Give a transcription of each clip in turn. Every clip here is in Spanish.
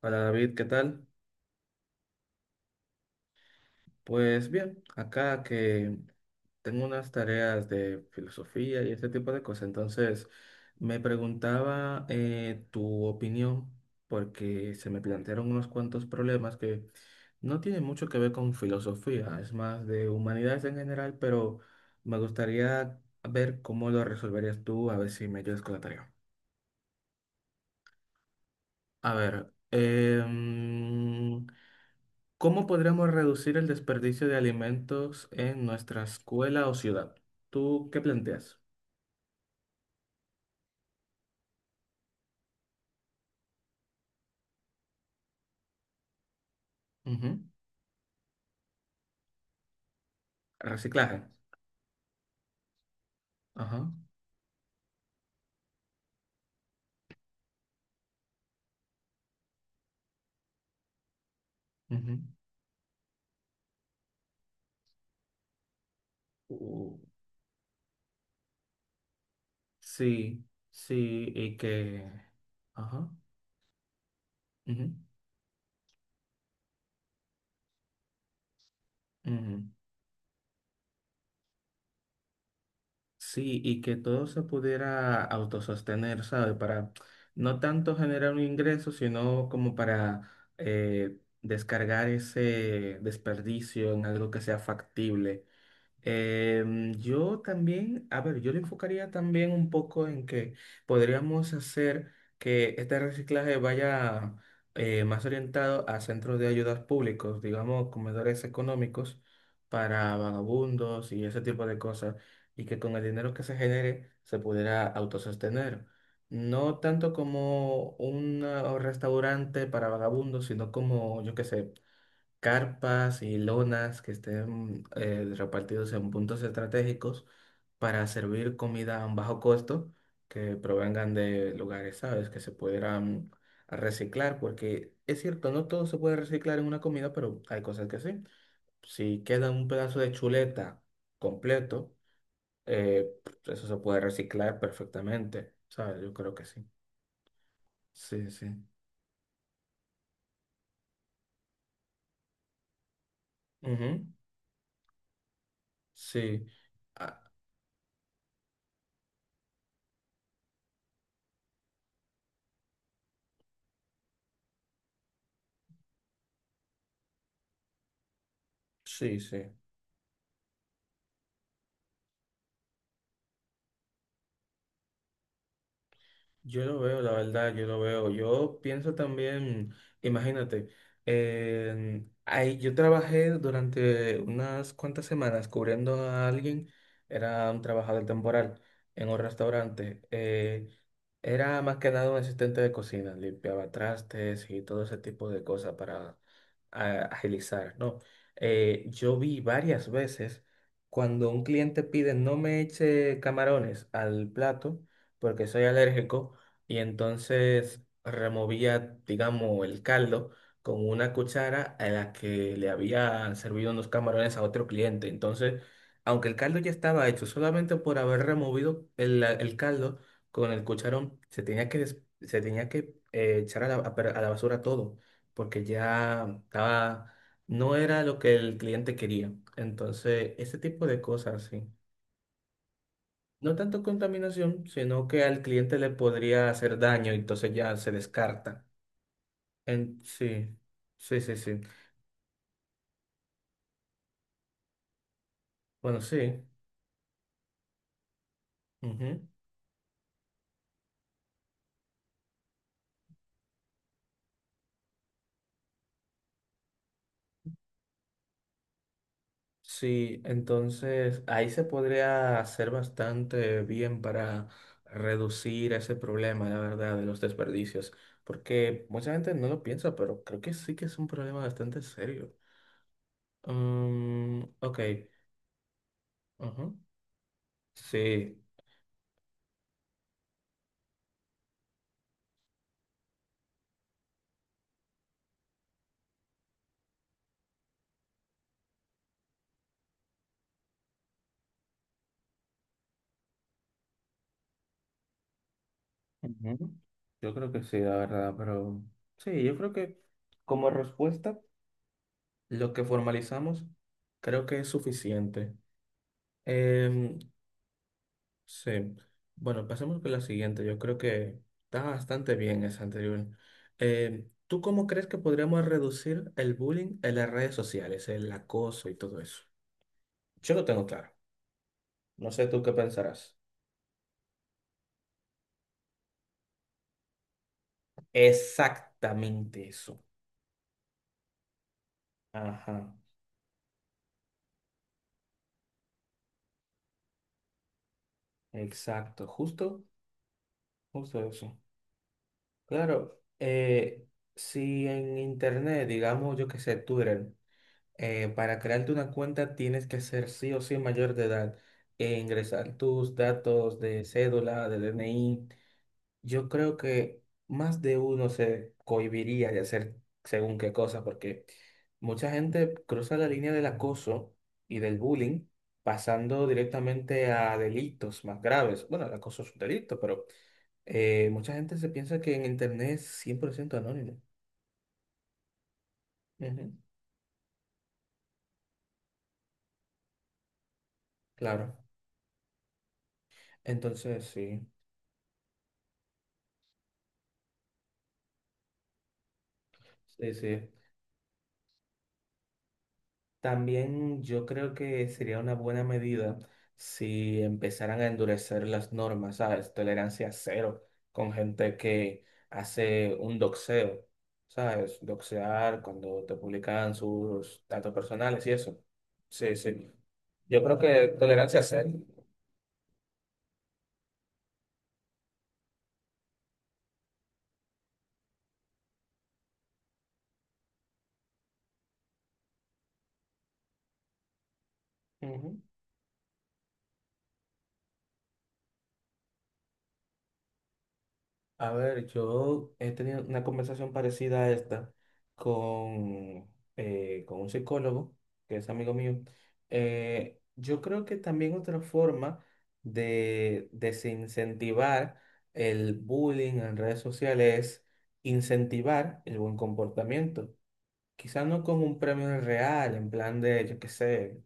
Hola David, ¿qué tal? Pues bien, acá que tengo unas tareas de filosofía y ese tipo de cosas, entonces me preguntaba tu opinión porque se me plantearon unos cuantos problemas que no tienen mucho que ver con filosofía, es más de humanidades en general, pero me gustaría ver cómo lo resolverías tú, a ver si me ayudas con la tarea. A ver, ¿cómo podríamos reducir el desperdicio de alimentos en nuestra escuela o ciudad? ¿Tú qué planteas? Ujú. Reciclaje. Ajá. Ujú. Uh, sí, sí, y que... Ajá. Ujú, ujú. Sí, y que todo se pudiera autosostener, ¿sabe? Para no tanto generar un ingreso, sino como para descargar ese desperdicio en algo que sea factible. Yo también, a ver, yo lo enfocaría también un poco en que podríamos hacer que este reciclaje vaya más orientado a centros de ayudas públicos, digamos, comedores económicos para vagabundos y ese tipo de cosas, y que con el dinero que se genere se pudiera autosostener. No tanto como un restaurante para vagabundos, sino como, yo qué sé, carpas y lonas que estén repartidos en puntos estratégicos para servir comida a un bajo costo que provengan de lugares, ¿sabes? Que se pudieran reciclar, porque es cierto, no todo se puede reciclar en una comida, pero hay cosas que sí. Si queda un pedazo de chuleta completo, eh, eso se puede reciclar perfectamente, ¿sabes? Yo creo que sí. Sí, sí. Ujú. Sí. Ah, sí, sí. Yo lo veo, la verdad, yo lo veo. Yo pienso también, imagínate, ahí yo trabajé durante unas cuantas semanas cubriendo a alguien, era un trabajador temporal en un restaurante. Era más que nada un asistente de cocina, limpiaba trastes y todo ese tipo de cosas para agilizar, ¿no? Yo vi varias veces cuando un cliente pide no me eche camarones al plato porque soy alérgico y entonces removía, digamos, el caldo con una cuchara a la que le habían servido unos camarones a otro cliente. Entonces, aunque el caldo ya estaba hecho, solamente por haber removido el caldo, con el cucharón se tenía que, se tenía que echar a la, a la basura todo, porque ya estaba, no era lo que el cliente quería. Entonces, ese tipo de cosas, sí. No tanto contaminación, sino que al cliente le podría hacer daño, y entonces ya se descarta. Sí, sí, sí, sí. Bueno, sí. Sí, entonces ahí se podría hacer bastante bien para reducir ese problema, la verdad, de los desperdicios, porque mucha gente no lo piensa, pero creo que sí que es un problema bastante serio. Mm, ok. Ujú. Sí, ujú. Yo creo que sí, la verdad, pero sí, yo creo que como respuesta, lo que formalizamos creo que es suficiente. Sí. Bueno, pasemos con la siguiente. Yo creo que está bastante bien esa anterior. ¿Tú cómo crees que podríamos reducir el bullying en las redes sociales, el acoso y todo eso? Yo lo tengo claro. No sé tú qué pensarás. Exactamente eso. Ajá, exacto. Justo, justo eso. Claro, si en internet, digamos, yo qué sé, Twitter. Para crearte una cuenta tienes que ser sí o sí mayor de edad e ingresar tus datos de cédula, de DNI. Yo creo que más de uno se cohibiría de hacer según qué cosa, porque mucha gente cruza la línea del acoso y del bullying pasando directamente a delitos más graves. Bueno, el acoso es un delito, pero mucha gente se piensa que en Internet es 100% anónimo. Ujú. Claro. Entonces, sí, sí, sí. También yo creo que sería una buena medida si empezaran a endurecer las normas, ¿sabes? Tolerancia cero con gente que hace un doxeo, ¿sabes? Doxear cuando te publican sus datos personales y eso. Sí, sí. Yo creo que tolerancia cero. Ujú. A ver, yo he tenido una conversación parecida a esta con, con un psicólogo, que es amigo mío. Yo creo que también otra forma de desincentivar el bullying en redes sociales es incentivar el buen comportamiento. Quizás no con un premio real, en plan de, yo qué sé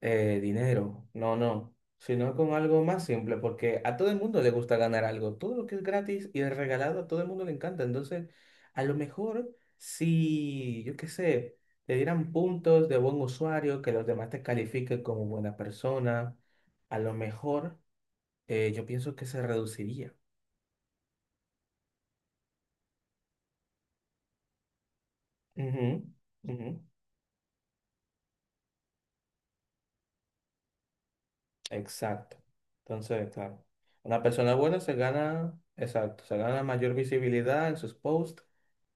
dinero, no, no, sino con algo más simple, porque a todo el mundo le gusta ganar algo, todo lo que es gratis y es regalado, a todo el mundo le encanta, entonces a lo mejor si, yo qué sé, te dieran puntos de buen usuario, que los demás te califiquen como buena persona, a lo mejor yo pienso que se reduciría. Ujú, ujú. Exacto. Entonces, claro, una persona buena se gana, exacto, se gana mayor visibilidad en sus posts.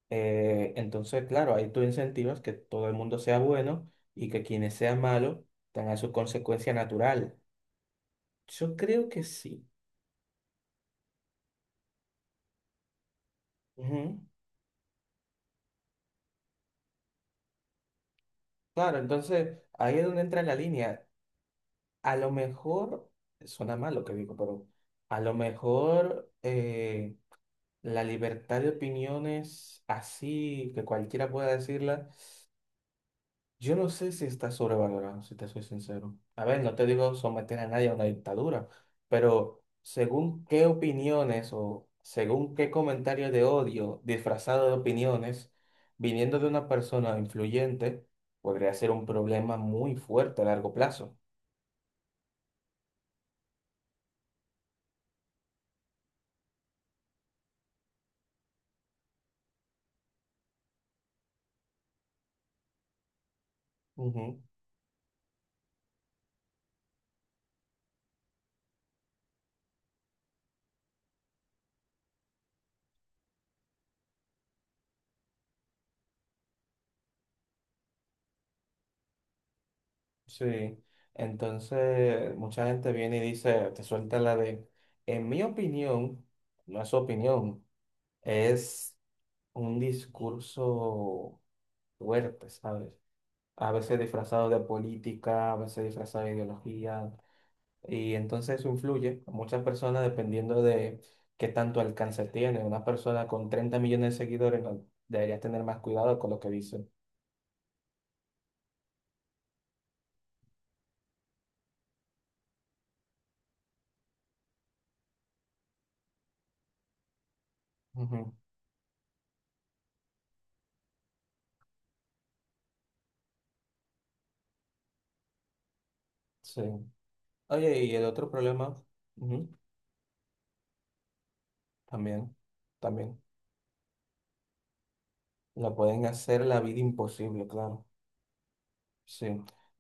Entonces, claro, ahí tú incentivas que todo el mundo sea bueno y que quienes sean malos tengan su consecuencia natural. Yo creo que sí. Ujú. Claro, entonces ahí es donde entra la línea. A lo mejor, suena mal lo que digo, pero a lo mejor la libertad de opiniones así, que cualquiera pueda decirla. Yo no sé si está sobrevalorado, si te soy sincero. A ver, no te digo someter a nadie a una dictadura, pero según qué opiniones o según qué comentarios de odio disfrazado de opiniones, viniendo de una persona influyente, podría ser un problema muy fuerte a largo plazo. Ujú. Sí. Entonces, mucha gente viene y dice, te suelta la de, en mi opinión, no es su opinión, es un discurso fuertes, ¿sabes? A veces disfrazado de política, a veces disfrazado de ideología, y entonces eso influye a muchas personas dependiendo de qué tanto alcance tiene. Una persona con 30 millones de seguidores no- debería tener más cuidado con lo que dice. Ujú. Sí. Oye, y el otro problema, ujú, también, también, lo pueden hacer la vida imposible, claro. Sí.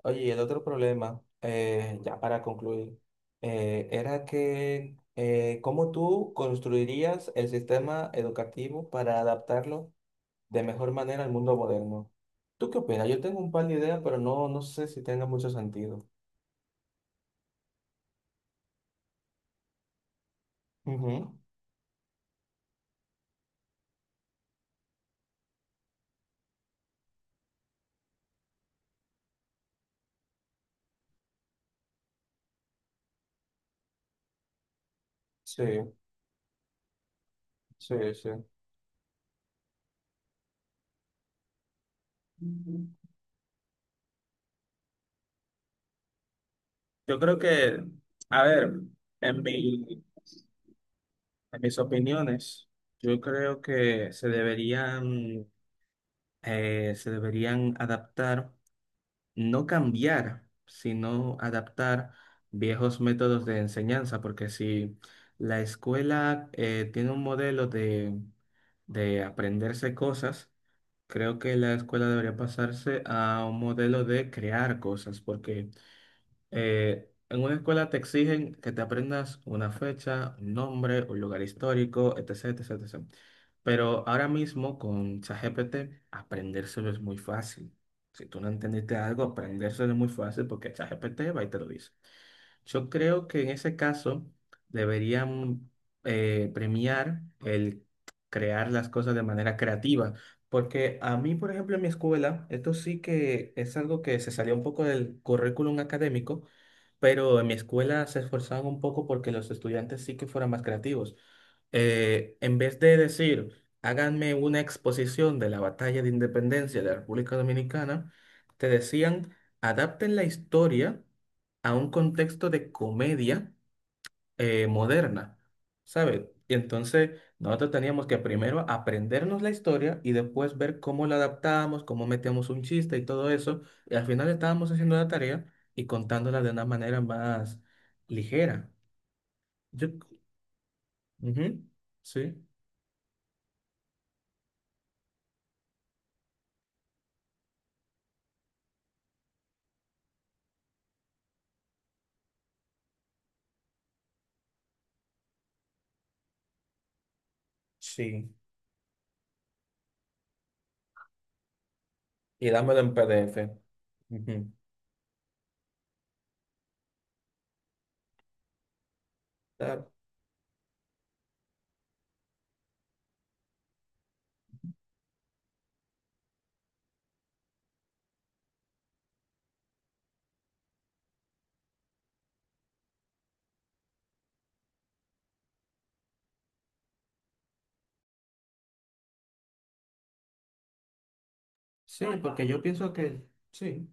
Oye, y el otro problema, ya para concluir, era que cómo tú construirías el sistema educativo para adaptarlo de mejor manera al mundo moderno. ¿Tú qué opinas? Yo tengo un par de ideas, pero no, no sé si tenga mucho sentido. Ujú. Sí, sí, sí. Ujú. Yo creo que, a ver, en mi, en mis opiniones, yo creo que se deberían adaptar. No cambiar, sino adaptar viejos métodos de enseñanza, porque si la escuela tiene un modelo de aprenderse cosas, creo que la escuela debería pasarse a un modelo de crear cosas, porque en una escuela te exigen que te aprendas una fecha, un nombre, un lugar histórico, etcétera, etcétera, etcétera. Pero ahora mismo con ChatGPT, aprendérselo es muy fácil. Si tú no entendiste algo, aprendérselo es muy fácil porque ChatGPT va y te lo dice. Yo creo que en ese caso deberían premiar el crear las cosas de manera creativa, porque a mí, por ejemplo, en mi escuela, esto sí que es algo que se salió un poco del currículum académico, pero en mi escuela se esforzaban un poco porque los estudiantes sí que fueran más creativos. En vez de decir, háganme una exposición de la batalla de independencia de la República Dominicana, te decían, adapten la historia a un contexto de comedia moderna, ¿sabes? Y entonces nosotros teníamos que primero aprendernos la historia y después ver cómo la adaptábamos, cómo metíamos un chiste y todo eso. Y al final estábamos haciendo la tarea y contándola de una manera más ligera. Yo, ujú, sí, sí. Y dámelo en PDF. Ujú. Claro. Sí, porque yo pienso que sí.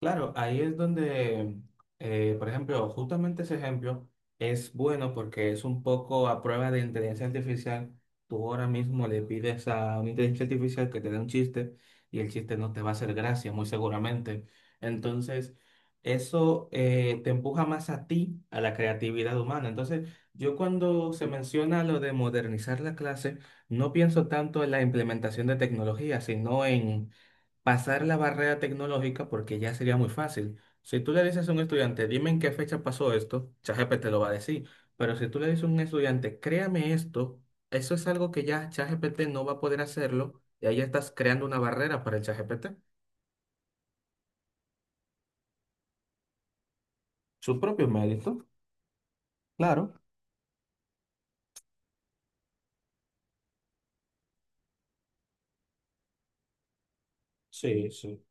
Claro, ahí es donde, por ejemplo, justamente ese ejemplo es bueno porque es un poco a prueba de inteligencia artificial. Tú ahora mismo le pides a una inteligencia artificial que te dé un chiste y el chiste no te va a hacer gracia, muy seguramente. Entonces, eso te empuja más a ti, a la creatividad humana. Entonces, yo cuando se menciona lo de modernizar la clase, no pienso tanto en la implementación de tecnología, sino en pasar la barrera tecnológica porque ya sería muy fácil. Si tú le dices a un estudiante, dime en qué fecha pasó esto, ChatGPT te lo va a decir. Pero si tú le dices a un estudiante, créame esto, eso es algo que ya ChatGPT no va a poder hacerlo y ahí ya estás creando una barrera para el ChatGPT. Su propio mérito, claro. Sí, sí.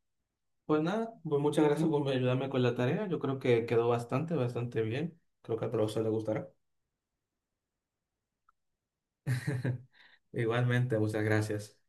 Pues nada, pues muchas gracias por ayudarme con la tarea. Yo creo que quedó bastante, bastante bien. Creo que al profesor le gustará. Igualmente, muchas gracias.